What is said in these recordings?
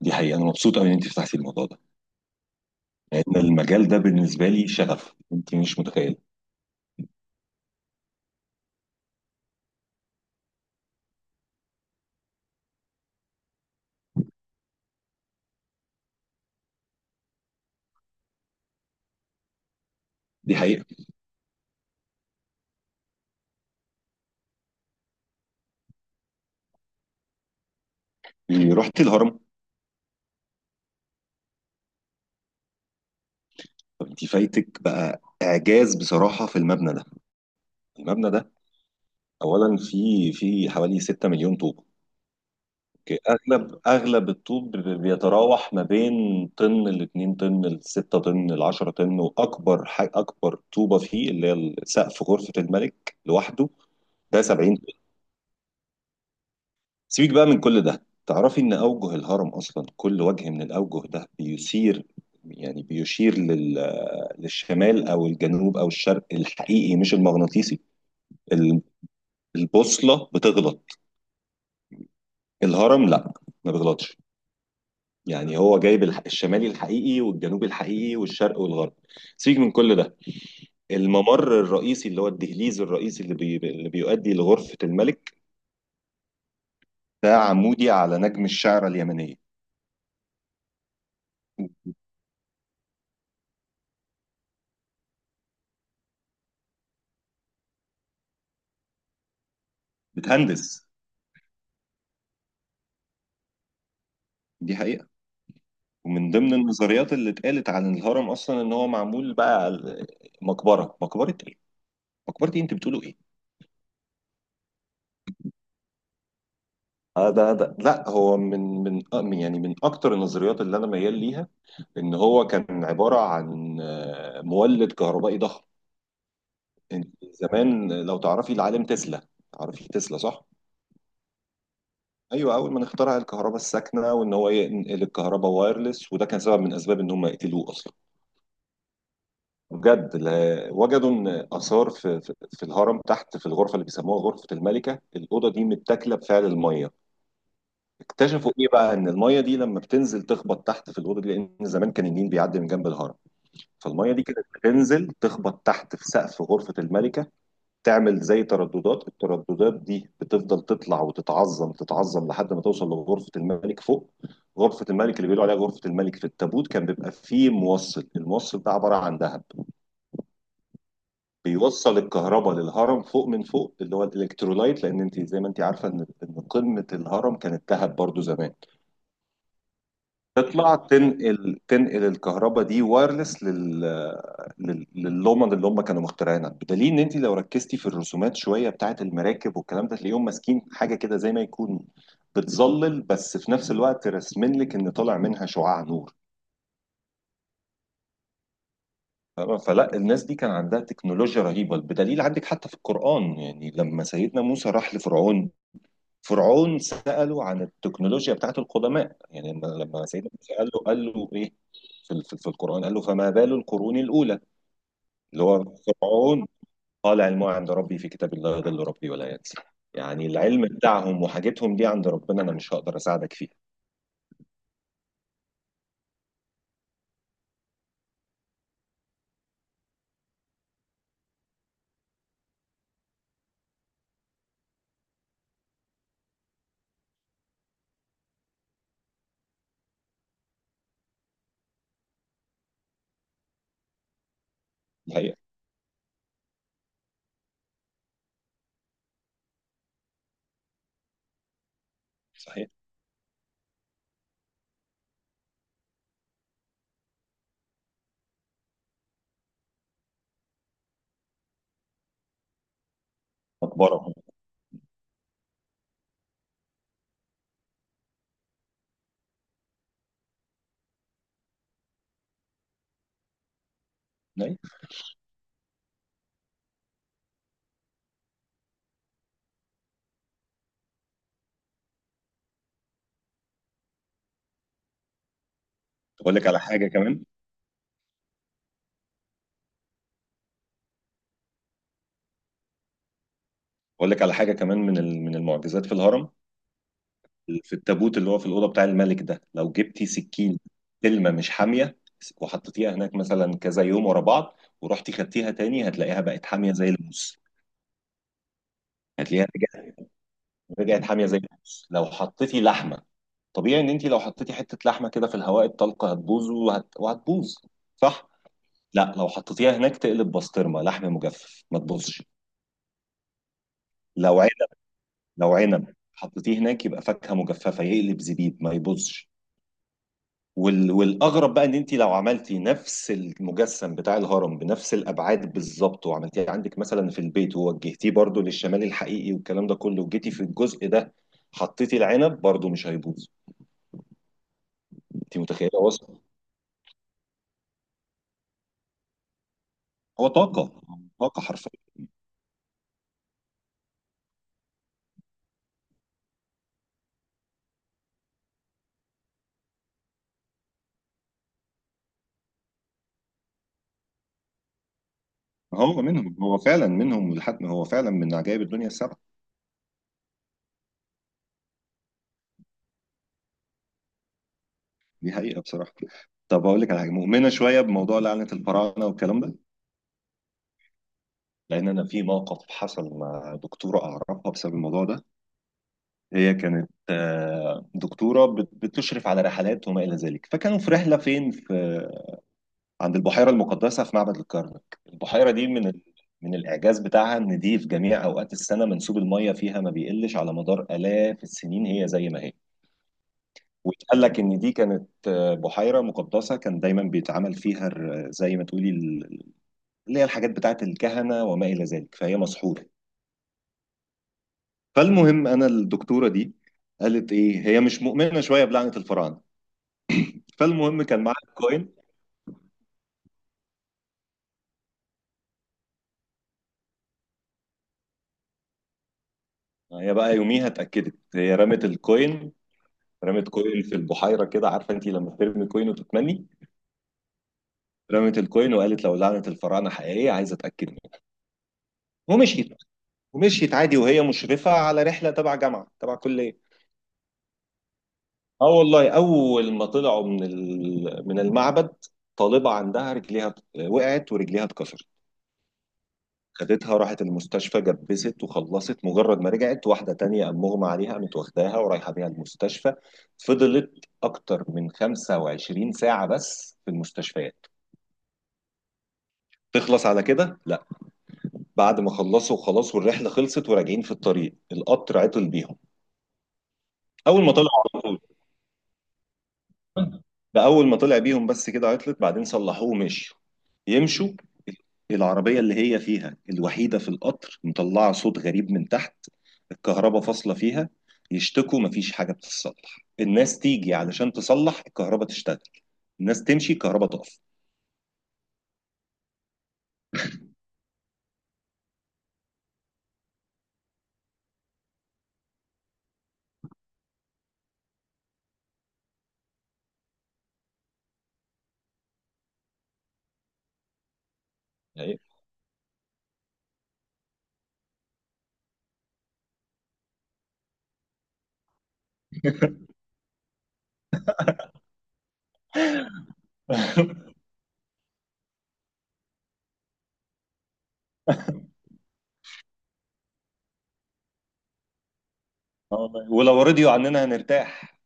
دي حقيقة، أنا مبسوط أوي إن أنت فتحتي الموضوع ده، لأن المجال ده بالنسبة لي شغف، أنت مش متخيلة. دي حقيقة. رحت الهرم؟ طب أنت فايتك بقى إعجاز بصراحة في المبنى ده. المبنى ده أولا في حوالي 6 مليون طوب. أوكي. أغلب الطوب بيتراوح ما بين طن ل 2 طن ل 6 طن ل 10 طن، وأكبر حاجة، أكبر طوبة فيه اللي هي سقف غرفة الملك لوحده ده 70. سيبك بقى من كل ده، تعرفي ان اوجه الهرم اصلا كل وجه من الاوجه ده بيثير، يعني بيشير للشمال او الجنوب او الشرق الحقيقي مش المغناطيسي. ال- البوصله بتغلط، الهرم لا ما بيغلطش، يعني هو جايب الشمالي الحقيقي والجنوبي الحقيقي والشرق والغرب. سيبك من كل ده. الممر الرئيسي اللي هو الدهليز الرئيسي اللي بيؤدي لغرفه الملك ده عمودي على نجم الشعره اليمنيه. بتهندس. دي حقيقه. ومن ضمن النظريات اللي اتقالت عن الهرم اصلا ان هو معمول بقى على مقبره، مقبره ايه مقبره ايه انت بتقولوا ايه؟ آه، ده ده لا، هو من من آه، من- يعني من اكتر النظريات اللي انا ميال ليها ان هو كان عباره عن مولد كهربائي ضخم. انت زمان لو تعرفي العالم تسلا، تعرفي تسلا صح؟ ايوه، اول ما اخترع الكهرباء الساكنه وان هو ينقل الكهرباء وايرلس، وده كان سبب من اسباب ان هم يقتلوه اصلا. بجد، وجدوا ان اثار في الهرم تحت في الغرفه اللي بيسموها غرفه الملكه، الاوضه دي متاكله بفعل الميه. اكتشفوا ايه بقى؟ ان الميه دي لما بتنزل تخبط تحت في الاوضه دي، لان زمان كان النيل بيعدي من جنب الهرم، فالميه دي كانت بتنزل تخبط تحت في سقف غرفه الملكه، تعمل زي ترددات، الترددات دي بتفضل تطلع وتتعظم، تتعظم لحد ما توصل لغرفه الملك فوق. غرفه الملك اللي بيقولوا عليها غرفه الملك في التابوت كان بيبقى فيه موصل، الموصل ده عباره عن ذهب، بيوصل الكهرباء للهرم فوق من فوق اللي هو الالكترولايت، لان انت زي ما انت عارفه ان قمه الهرم كانت ذهب برضو زمان، تطلع تنقل، تنقل الكهرباء دي وايرلس لللومن اللي هم كانوا مخترعينها، بدليل ان انت لو ركزتي في الرسومات شويه بتاعت المراكب والكلام ده، تلاقيهم ماسكين حاجه كده زي ما يكون بتظلل، بس في نفس الوقت راسمين لك ان طالع منها شعاع نور. فاهمة؟ فلا، الناس دي كان عندها تكنولوجيا رهيبة، بدليل عندك حتى في القرآن، يعني لما سيدنا موسى راح لفرعون، فرعون سأله عن التكنولوجيا بتاعت القدماء، يعني لما سيدنا موسى قال له ايه في القرآن؟ قال له فما بال القرون الأولى، اللي هو فرعون، قال علمها عند ربي في كتاب لا يضل ربي ولا ينسى. يعني العلم بتاعهم وحاجتهم دي عند ربنا، أنا مش هقدر أساعدك فيها. صحيح. صحيح. مقبرة أهو. أيوة. أقول لك على حاجة كمان. أقول لك على حاجة كمان من من المعجزات في الهرم. في التابوت اللي هو في الأوضة بتاع الملك ده، لو جبتي سكين سلمة مش حامية وحطيتيها هناك مثلا كذا يوم ورا بعض، ورحتي خدتيها تاني، هتلاقيها بقت حامية زي الموس. هتلاقيها رجعت، رجعت حامية زي الموس. لو حطيتي لحمة، طبيعي ان انت لو حطيتي حتة لحمة كده في الهواء الطلق هتبوظ، وهتبوظ صح؟ لا، لو حطيتيها هناك تقلب بسطرمة، لحم مجفف ما تبوظش. لو عنب، لو عنب حطيتيه هناك يبقى فاكهة مجففة، يقلب زبيب، ما يبوظش. والاغرب بقى ان انت لو عملتي نفس المجسم بتاع الهرم بنفس الابعاد بالظبط، وعملتيه عندك مثلا في البيت، ووجهتيه برضو للشمال الحقيقي والكلام ده كله، وجيتي في الجزء ده حطيتي العنب، برضو مش هيبوظ. انت متخيله وصل؟ هو طاقه، طاقه حرفيا. هو منهم، هو فعلا منهم، ولحد هو فعلا من عجائب الدنيا السبعه. دي حقيقه بصراحه. طب اقول لك على حاجه، مؤمنه شويه بموضوع لعنه الفراعنه والكلام ده؟ لان انا في موقف حصل مع دكتوره اعرفها بسبب الموضوع ده. هي كانت دكتورة بتشرف على رحلات وما إلى ذلك، فكانوا في رحلة فين في عند البحيرة المقدسة في معبد الكرنك. البحيرة دي من الإعجاز بتاعها إن دي في جميع أوقات السنة منسوب المية فيها ما بيقلش، على مدار 1000 السنين هي زي ما هي. واتقال لك إن دي كانت بحيرة مقدسة، كان دايما بيتعمل فيها زي ما تقولي اللي هي الحاجات بتاعت الكهنة وما إلى ذلك، فهي مسحورة. فالمهم أنا، الدكتورة دي قالت إيه، هي مش مؤمنة شوية بلعنة الفراعنة. فالمهم كان معاها الكوين، هي بقى يوميها اتأكدت، هي رمت الكوين. رمت كوين في البحيرة كده، عارفة انت لما ترمي كوين وتتمني؟ رمت الكوين وقالت لو لعنة الفراعنة حقيقية عايزة اتأكد منها. ومشيت، ومشيت عادي وهي مشرفة على رحلة تبع جامعة تبع كلية. اه والله، اول ما طلعوا من من المعبد، طالبة عندها رجليها، وقعت ورجليها اتكسرت. خدتها راحت المستشفى جبست وخلصت، مجرد ما رجعت واحدة تانية قام مغمى عليها، قامت واخداها ورايحة بيها المستشفى. فضلت أكتر من 25 ساعة بس في المستشفيات. تخلص على كده؟ لا. بعد ما خلصوا وخلاص والرحلة خلصت وراجعين في الطريق، القطر عطل بيهم. أول ما طلعوا، على طول. ده أول ما طلع بيهم بس كده عطلت، بعدين صلحوه ومشوا. يمشوا، العربية اللي هي فيها الوحيدة في القطر مطلعة صوت غريب من تحت، الكهرباء فاصلة فيها، يشتكوا مفيش حاجة بتتصلح، الناس تيجي علشان تصلح الكهرباء تشتغل، الناس تمشي الكهرباء تقف. يعني آه والله. ولو رضيوا عننا هنرتاح.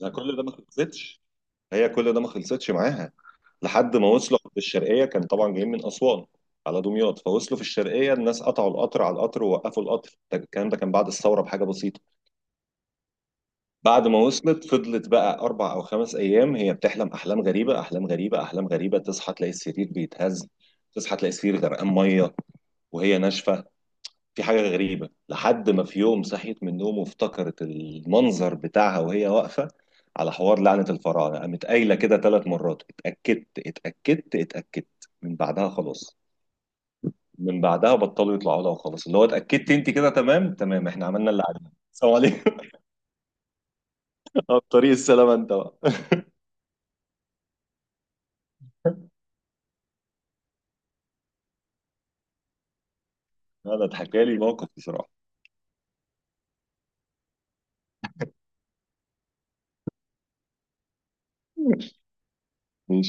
ده كل ده ما خلصتش، هي كل ده ما خلصتش معاها لحد ما وصلوا في الشرقية، كان طبعا جايين من أسوان على دمياط، فوصلوا في الشرقية الناس قطعوا القطر على القطر ووقفوا القطر، الكلام ده كان بعد الثورة بحاجة بسيطة. بعد ما وصلت، فضلت بقى أربع أو خمس أيام هي بتحلم أحلام غريبة، تصحى تلاقي السرير بيتهز، تصحى تلاقي السرير غرقان مية وهي ناشفة، في حاجة غريبة. لحد ما في يوم صحيت من النوم وافتكرت المنظر بتاعها وهي واقفة على حوار لعنة الفراعنة، قامت قايلة كده ثلاث مرات، اتأكدت اتأكدت اتأكدت، من بعدها خلاص. من بعدها بطلوا يطلعوا لها وخلاص، اللي هو اتأكدت انت كده، تمام تمام، احنا عملنا اللي علينا، السلام عليكم. طريق السلامة انت بقى. هذا اتحكى لي موقف بصراحة. ماشي.